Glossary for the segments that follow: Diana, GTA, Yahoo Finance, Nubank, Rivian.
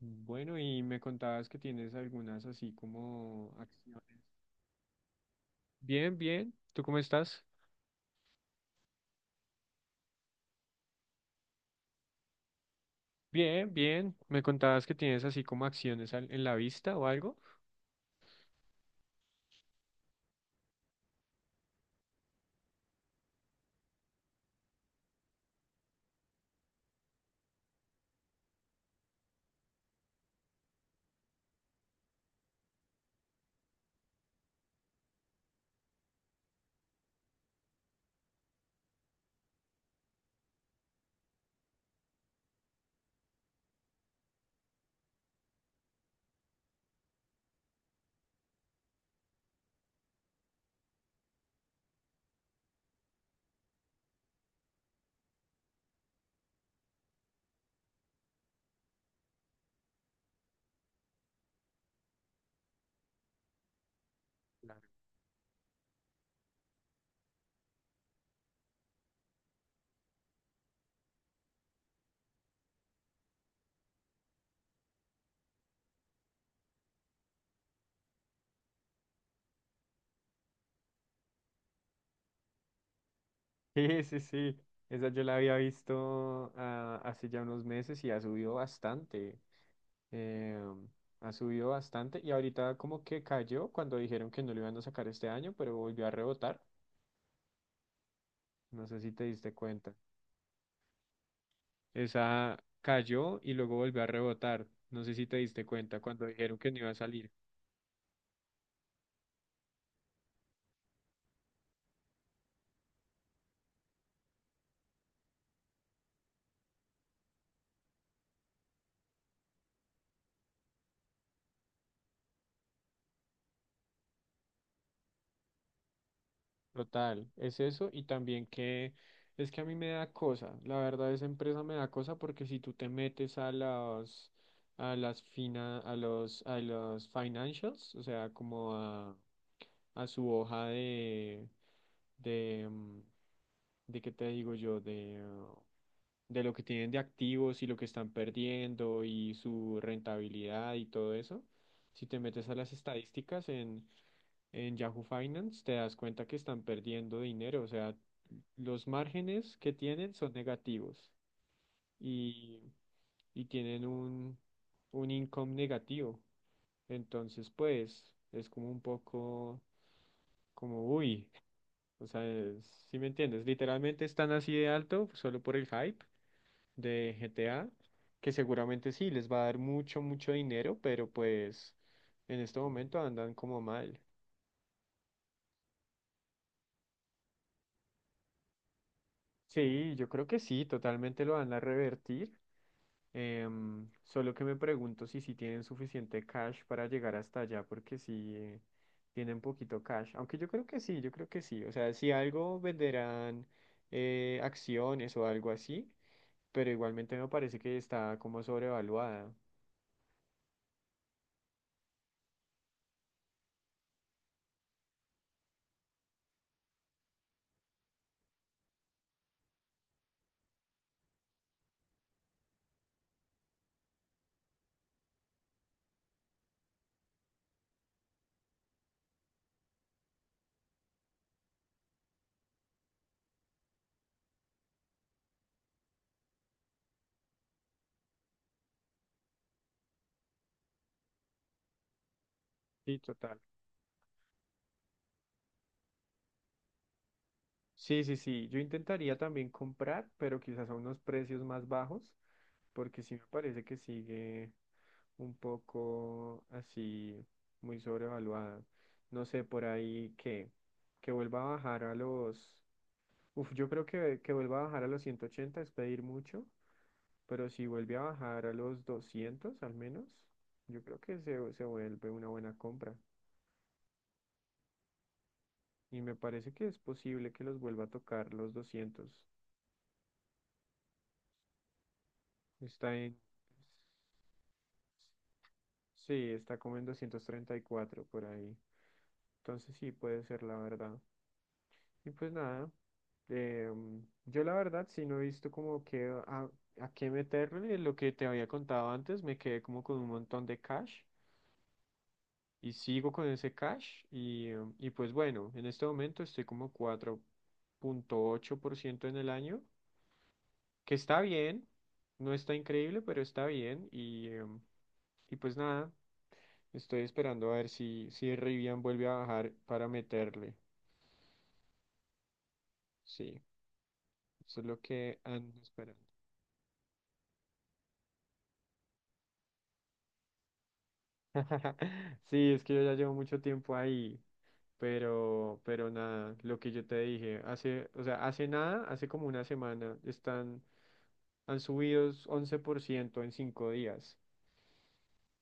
Bueno, y me contabas que tienes algunas así como acciones. Bien, bien. ¿Tú cómo estás? Bien, bien. Me contabas que tienes así como acciones en la vista o algo. Claro. Sí, sí, sí. Esa yo la había visto hace ya unos meses y ha subido bastante. Eh, Ha subido bastante y ahorita como que cayó cuando dijeron que no lo iban a sacar este año, pero volvió a rebotar. No sé si te diste cuenta. Esa cayó y luego volvió a rebotar. No sé si te diste cuenta cuando dijeron que no iba a salir. Total, es eso y también que es que a mí me da cosa. La verdad, esa empresa me da cosa porque si tú te metes a las financials, o sea, como a su hoja de mm, de qué te digo yo de lo que tienen de activos y lo que están perdiendo y su rentabilidad y todo eso. Si te metes a las estadísticas en Yahoo Finance, te das cuenta que están perdiendo dinero, o sea, los márgenes que tienen son negativos y, y tienen un income negativo. Entonces, pues, es como un poco como, uy, o sea, ¿si me entiendes? Literalmente están así de alto solo por el hype de GTA, que seguramente sí, les va a dar mucho, mucho dinero, pero pues en este momento andan como mal. Sí, yo creo que sí, totalmente lo van a revertir. Solo que me pregunto si sí tienen suficiente cash para llegar hasta allá, porque si tienen poquito cash. Aunque yo creo que sí, yo creo que sí. O sea, si algo venderán, acciones o algo así, pero igualmente me parece que está como sobrevaluada. Sí, total. Sí, sí, sí. Yo intentaría también comprar, pero quizás a unos precios más bajos, porque sí me parece que sigue un poco así, muy sobrevaluada. No sé, por que vuelva a bajar a los... Uf, yo creo que vuelva a bajar a los 180 es pedir mucho, pero si vuelve a bajar a los 200 al menos, yo creo que se vuelve una buena compra. Y me parece que es posible que los vuelva a tocar los 200. Está en... Sí, está como en 234 por ahí. Entonces sí, puede ser la verdad. Y pues nada, yo la verdad sí no he visto como a qué meterle. Lo que te había contado antes, me quedé como con un montón de cash y sigo con ese cash. Y, y pues bueno, en este momento estoy como 4.8% en el año, que está bien, no está increíble, pero está bien. Y, y pues nada. Estoy esperando a ver si Rivian vuelve a bajar para meterle. Sí, eso es lo que ando esperando. Sí, es que yo ya llevo mucho tiempo ahí, pero nada, lo que yo te dije, hace, o sea, hace nada, hace como una semana, están, han subido 11% en 5 días,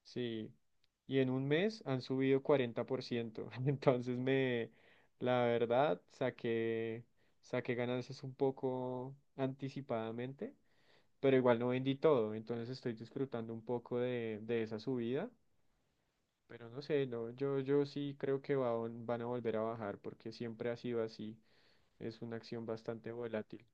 sí, y en un mes han subido 40% entonces me, la verdad, saqué ganancias un poco anticipadamente pero igual no vendí todo, entonces estoy disfrutando un poco de esa subida, pero no sé, no, yo sí creo que van a volver a bajar porque siempre ha sido así, es una acción bastante volátil.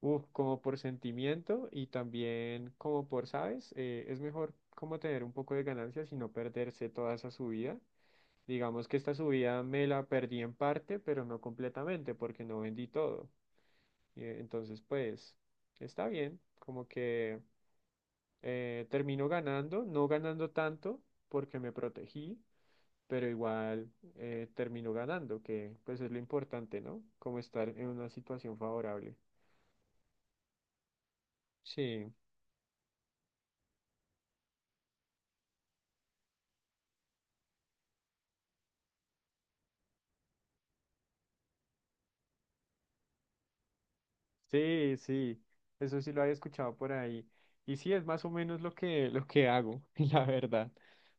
Uf, como por sentimiento y también como por, ¿sabes? Es mejor como tener un poco de ganancias y no perderse toda esa subida. Digamos que esta subida me la perdí en parte, pero no completamente porque no vendí todo. Entonces, pues, está bien, como que... termino ganando, no ganando tanto porque me protegí, pero igual termino ganando, que pues es lo importante, ¿no? Como estar en una situación favorable. Sí, sí, sí, eso sí lo había escuchado por ahí. Y sí, es más o menos lo lo que hago, la verdad,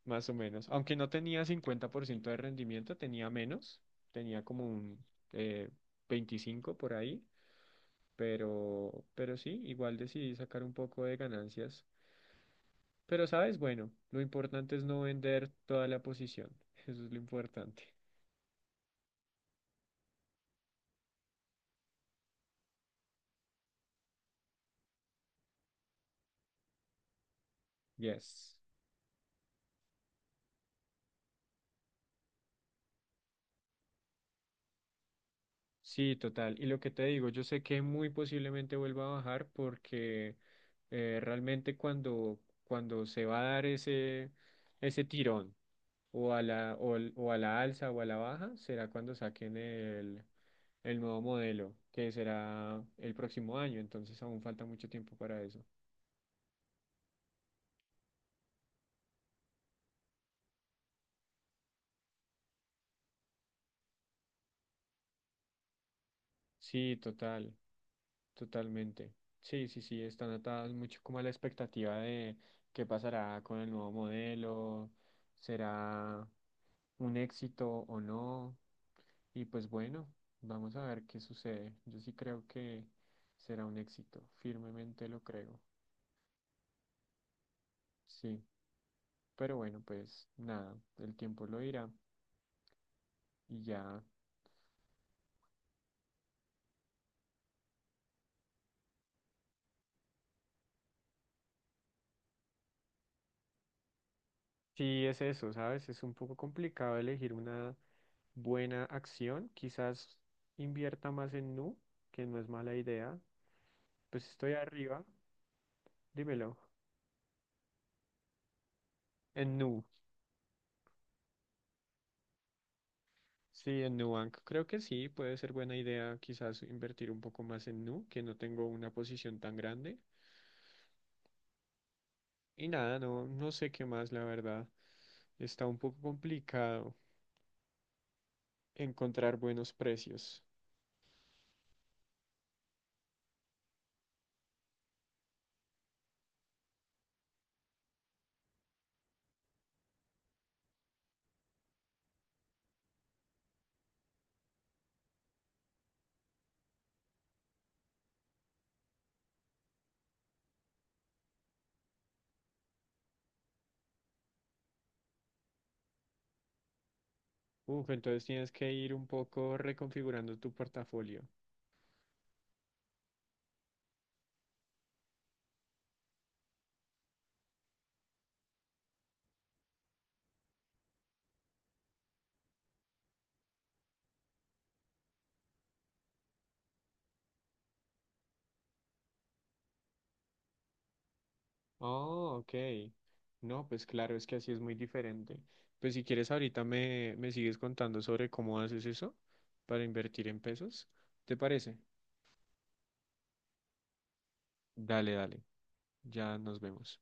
más o menos. Aunque no tenía 50% de rendimiento, tenía menos, tenía como un eh, 25 por ahí, pero sí, igual decidí sacar un poco de ganancias. Pero, ¿sabes? Bueno, lo importante es no vender toda la posición. Eso es lo importante. Yes. Sí, total. Y lo que te digo, yo sé que muy posiblemente vuelva a bajar porque realmente cuando se va a dar ese tirón o a o a la alza o a la baja, será cuando saquen el nuevo modelo, que será el próximo año. Entonces aún falta mucho tiempo para eso. Sí, total. Totalmente. Sí, sí, sí, están atadas mucho como a la expectativa de qué pasará con el nuevo modelo, será un éxito o no. Y pues bueno, vamos a ver qué sucede. Yo sí creo que será un éxito, firmemente lo creo. Sí, pero bueno, pues nada, el tiempo lo dirá y ya. Sí, es eso, ¿sabes? Es un poco complicado elegir una buena acción. Quizás invierta más en Nu, que no es mala idea. Pues estoy arriba, dímelo. En Nu. Sí, en Nubank. Creo que sí, puede ser buena idea quizás invertir un poco más en Nu, que no tengo una posición tan grande. Y nada, no, no sé qué más, la verdad. Está un poco complicado encontrar buenos precios. Uf, entonces tienes que ir un poco reconfigurando tu portafolio. Oh, ok. No, pues claro, es que así es muy diferente. Pues si quieres ahorita me sigues contando sobre cómo haces eso para invertir en pesos. ¿Te parece? Dale, dale. Ya nos vemos.